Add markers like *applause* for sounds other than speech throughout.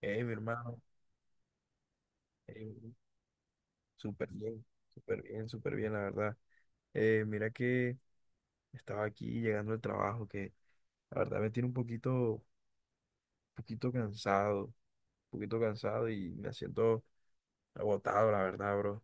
Mi hermano, eh, súper bien, súper bien, súper bien, la verdad. Mira que estaba aquí llegando al trabajo, que la verdad me tiene un poquito, poquito cansado, un poquito cansado y me siento agotado, la verdad, bro.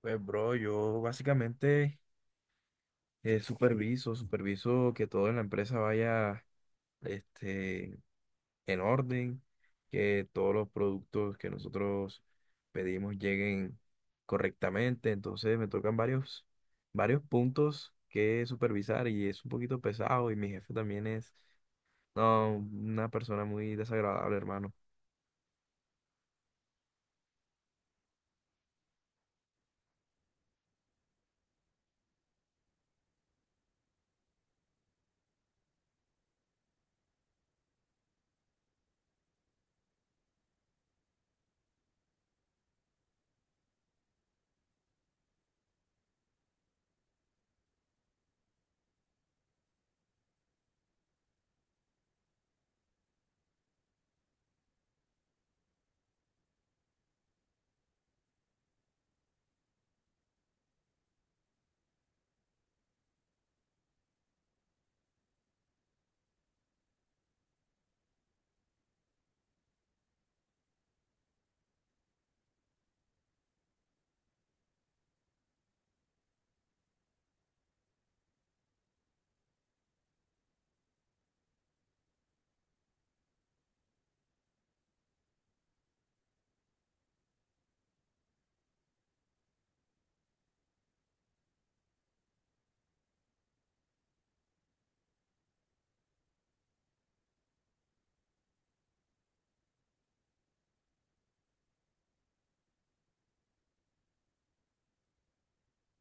Pues, bro, yo básicamente superviso que todo en la empresa vaya, este, en orden, que todos los productos que nosotros pedimos lleguen correctamente. Entonces me tocan varios puntos que supervisar y es un poquito pesado y mi jefe también es, no, una persona muy desagradable, hermano.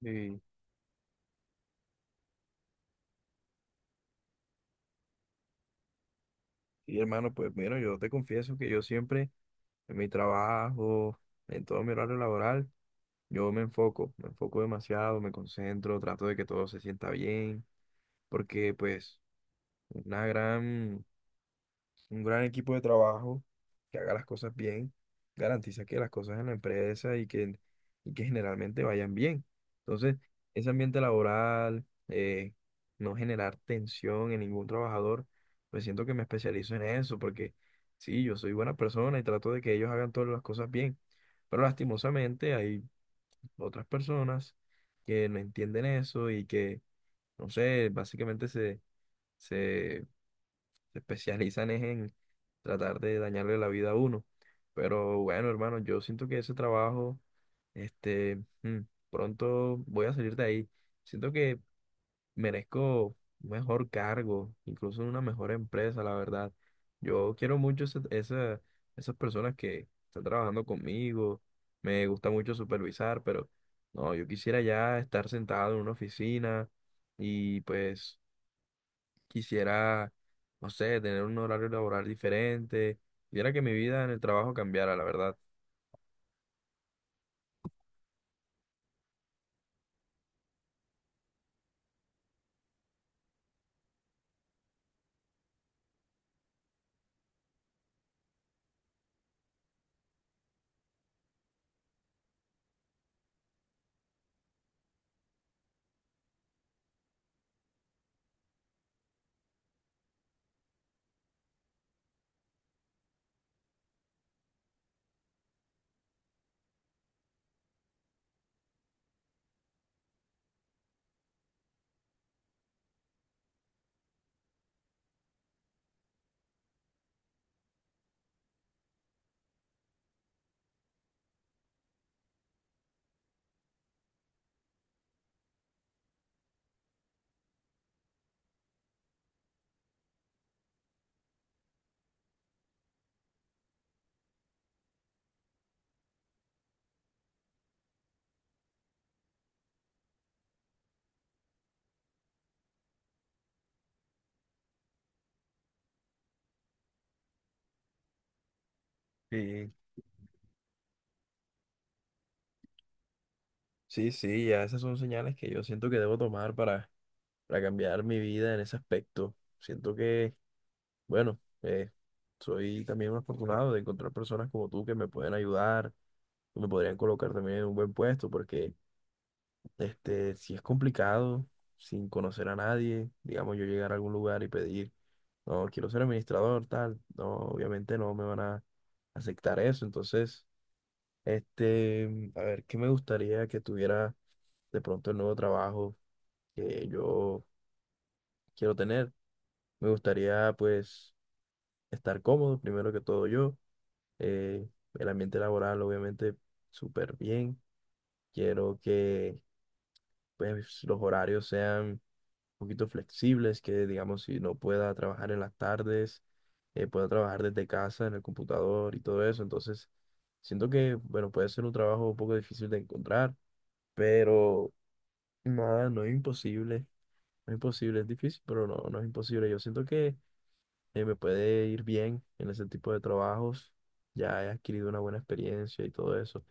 Y, y hermano, pues bueno, yo te confieso que yo siempre en mi trabajo, en todo mi horario laboral, yo me enfoco demasiado, me concentro, trato de que todo se sienta bien, porque pues una gran un gran equipo de trabajo que haga las cosas bien, garantiza que las cosas en la empresa y que generalmente vayan bien. Entonces, ese ambiente laboral, no generar tensión en ningún trabajador, pues siento que me especializo en eso, porque sí, yo soy buena persona y trato de que ellos hagan todas las cosas bien. Pero lastimosamente hay otras personas que no entienden eso y que, no sé, básicamente se se especializan es en tratar de dañarle la vida a uno. Pero bueno, hermano, yo siento que ese trabajo, este, mm, pronto voy a salir de ahí. Siento que merezco un mejor cargo, incluso una mejor empresa, la verdad. Yo quiero mucho esas personas que están trabajando conmigo. Me gusta mucho supervisar, pero no, yo quisiera ya estar sentado en una oficina y pues quisiera, no sé, tener un horario laboral diferente, quisiera que mi vida en el trabajo cambiara, la verdad. Sí, sí, sí, ya esas son señales que yo siento que debo tomar para cambiar mi vida en ese aspecto. Siento que, bueno, soy también un afortunado de encontrar personas como tú que me pueden ayudar, que me podrían colocar también en un buen puesto, porque este, si es complicado, sin conocer a nadie, digamos yo llegar a algún lugar y pedir, no, quiero ser administrador, tal, no, obviamente no me van a aceptar eso. Entonces, este, a ver, ¿qué me gustaría que tuviera de pronto el nuevo trabajo que yo quiero tener? Me gustaría pues estar cómodo, primero que todo yo, eh, el ambiente laboral obviamente súper bien, quiero que pues los horarios sean poquito flexibles, que digamos si no pueda trabajar en las tardes, pueda trabajar desde casa en el computador y todo eso. Entonces, siento que, bueno, puede ser un trabajo un poco difícil de encontrar, pero nada, no es imposible. No es imposible, es difícil, pero no, no es imposible. Yo siento que me puede ir bien en ese tipo de trabajos. Ya he adquirido una buena experiencia y todo eso.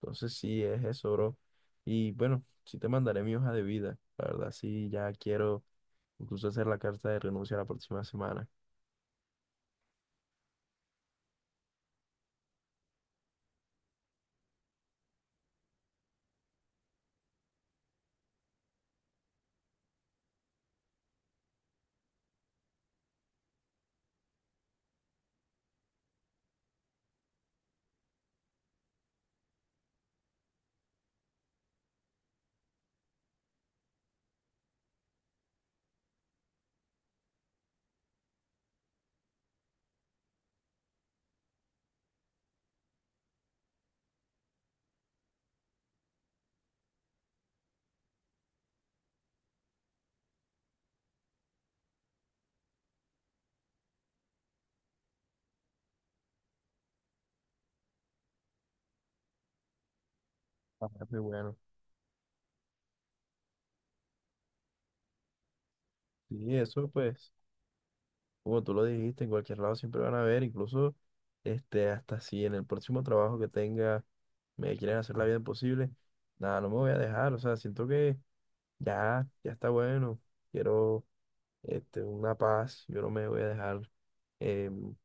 Entonces sí, es eso, bro. Y bueno, sí te mandaré mi hoja de vida. La verdad, sí, ya quiero incluso hacer la carta de renuncia la próxima semana. Ah, qué bueno. Sí, eso pues, como tú lo dijiste, en cualquier lado siempre van a ver, incluso este, hasta si en el próximo trabajo que tenga me quieren hacer la vida imposible, nada, no me voy a dejar. O sea, siento que ya, ya está bueno. Quiero este, una paz, yo no me voy a dejar em,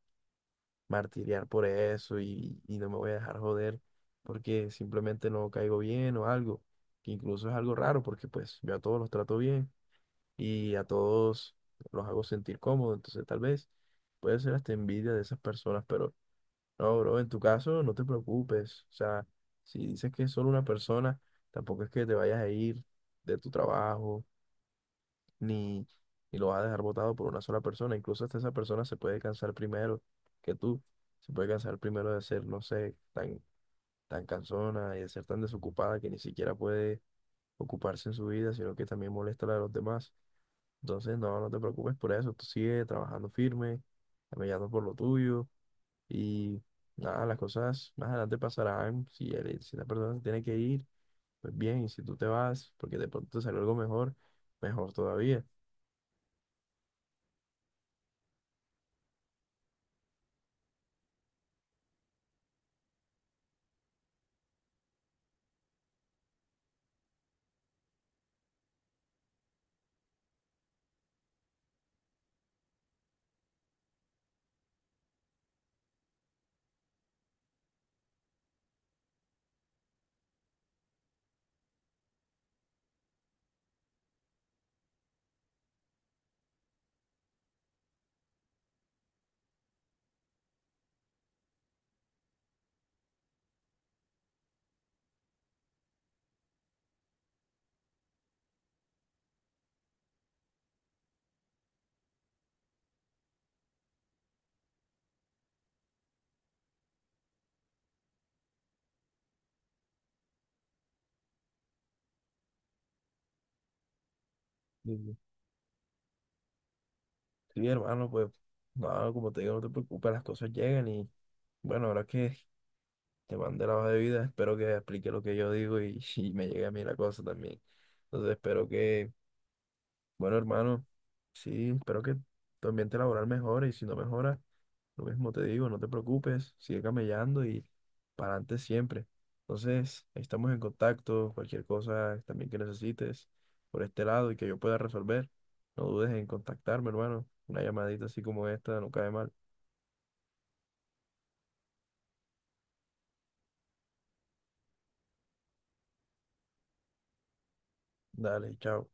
martiriar por eso y no me voy a dejar joder porque simplemente no caigo bien o algo, que incluso es algo raro porque pues yo a todos los trato bien y a todos los hago sentir cómodo, entonces tal vez puede ser hasta envidia de esas personas, pero no, bro, en tu caso no te preocupes, o sea, si dices que es solo una persona, tampoco es que te vayas a ir de tu trabajo ni, ni lo vas a dejar votado por una sola persona. Incluso hasta esa persona se puede cansar primero que tú. Se puede cansar primero de ser, no sé, tan cansona y de ser tan desocupada que ni siquiera puede ocuparse en su vida, sino que también molesta a la de los demás. Entonces, no, no te preocupes por eso. Tú sigue trabajando firme, caminando por lo tuyo y nada, las cosas más adelante pasarán. Si, si la persona se tiene que ir, pues bien, y si tú te vas, porque de pronto te salió algo mejor, mejor todavía. Sí, hermano, pues, no, como te digo, no te preocupes, las cosas llegan y bueno, ahora que te mandé la hoja de vida, espero que explique lo que yo digo *laughs* y me llegue a mí la cosa también. Entonces, espero que, bueno, hermano, sí, espero que tu ambiente laboral mejore y si no mejora, lo mismo te digo, no te preocupes, sigue camellando y para adelante siempre. Entonces, ahí estamos en contacto, cualquier cosa también que necesites por este lado y que yo pueda resolver, no dudes en contactarme, hermano. Una llamadita así como esta no cae mal. Dale, chao.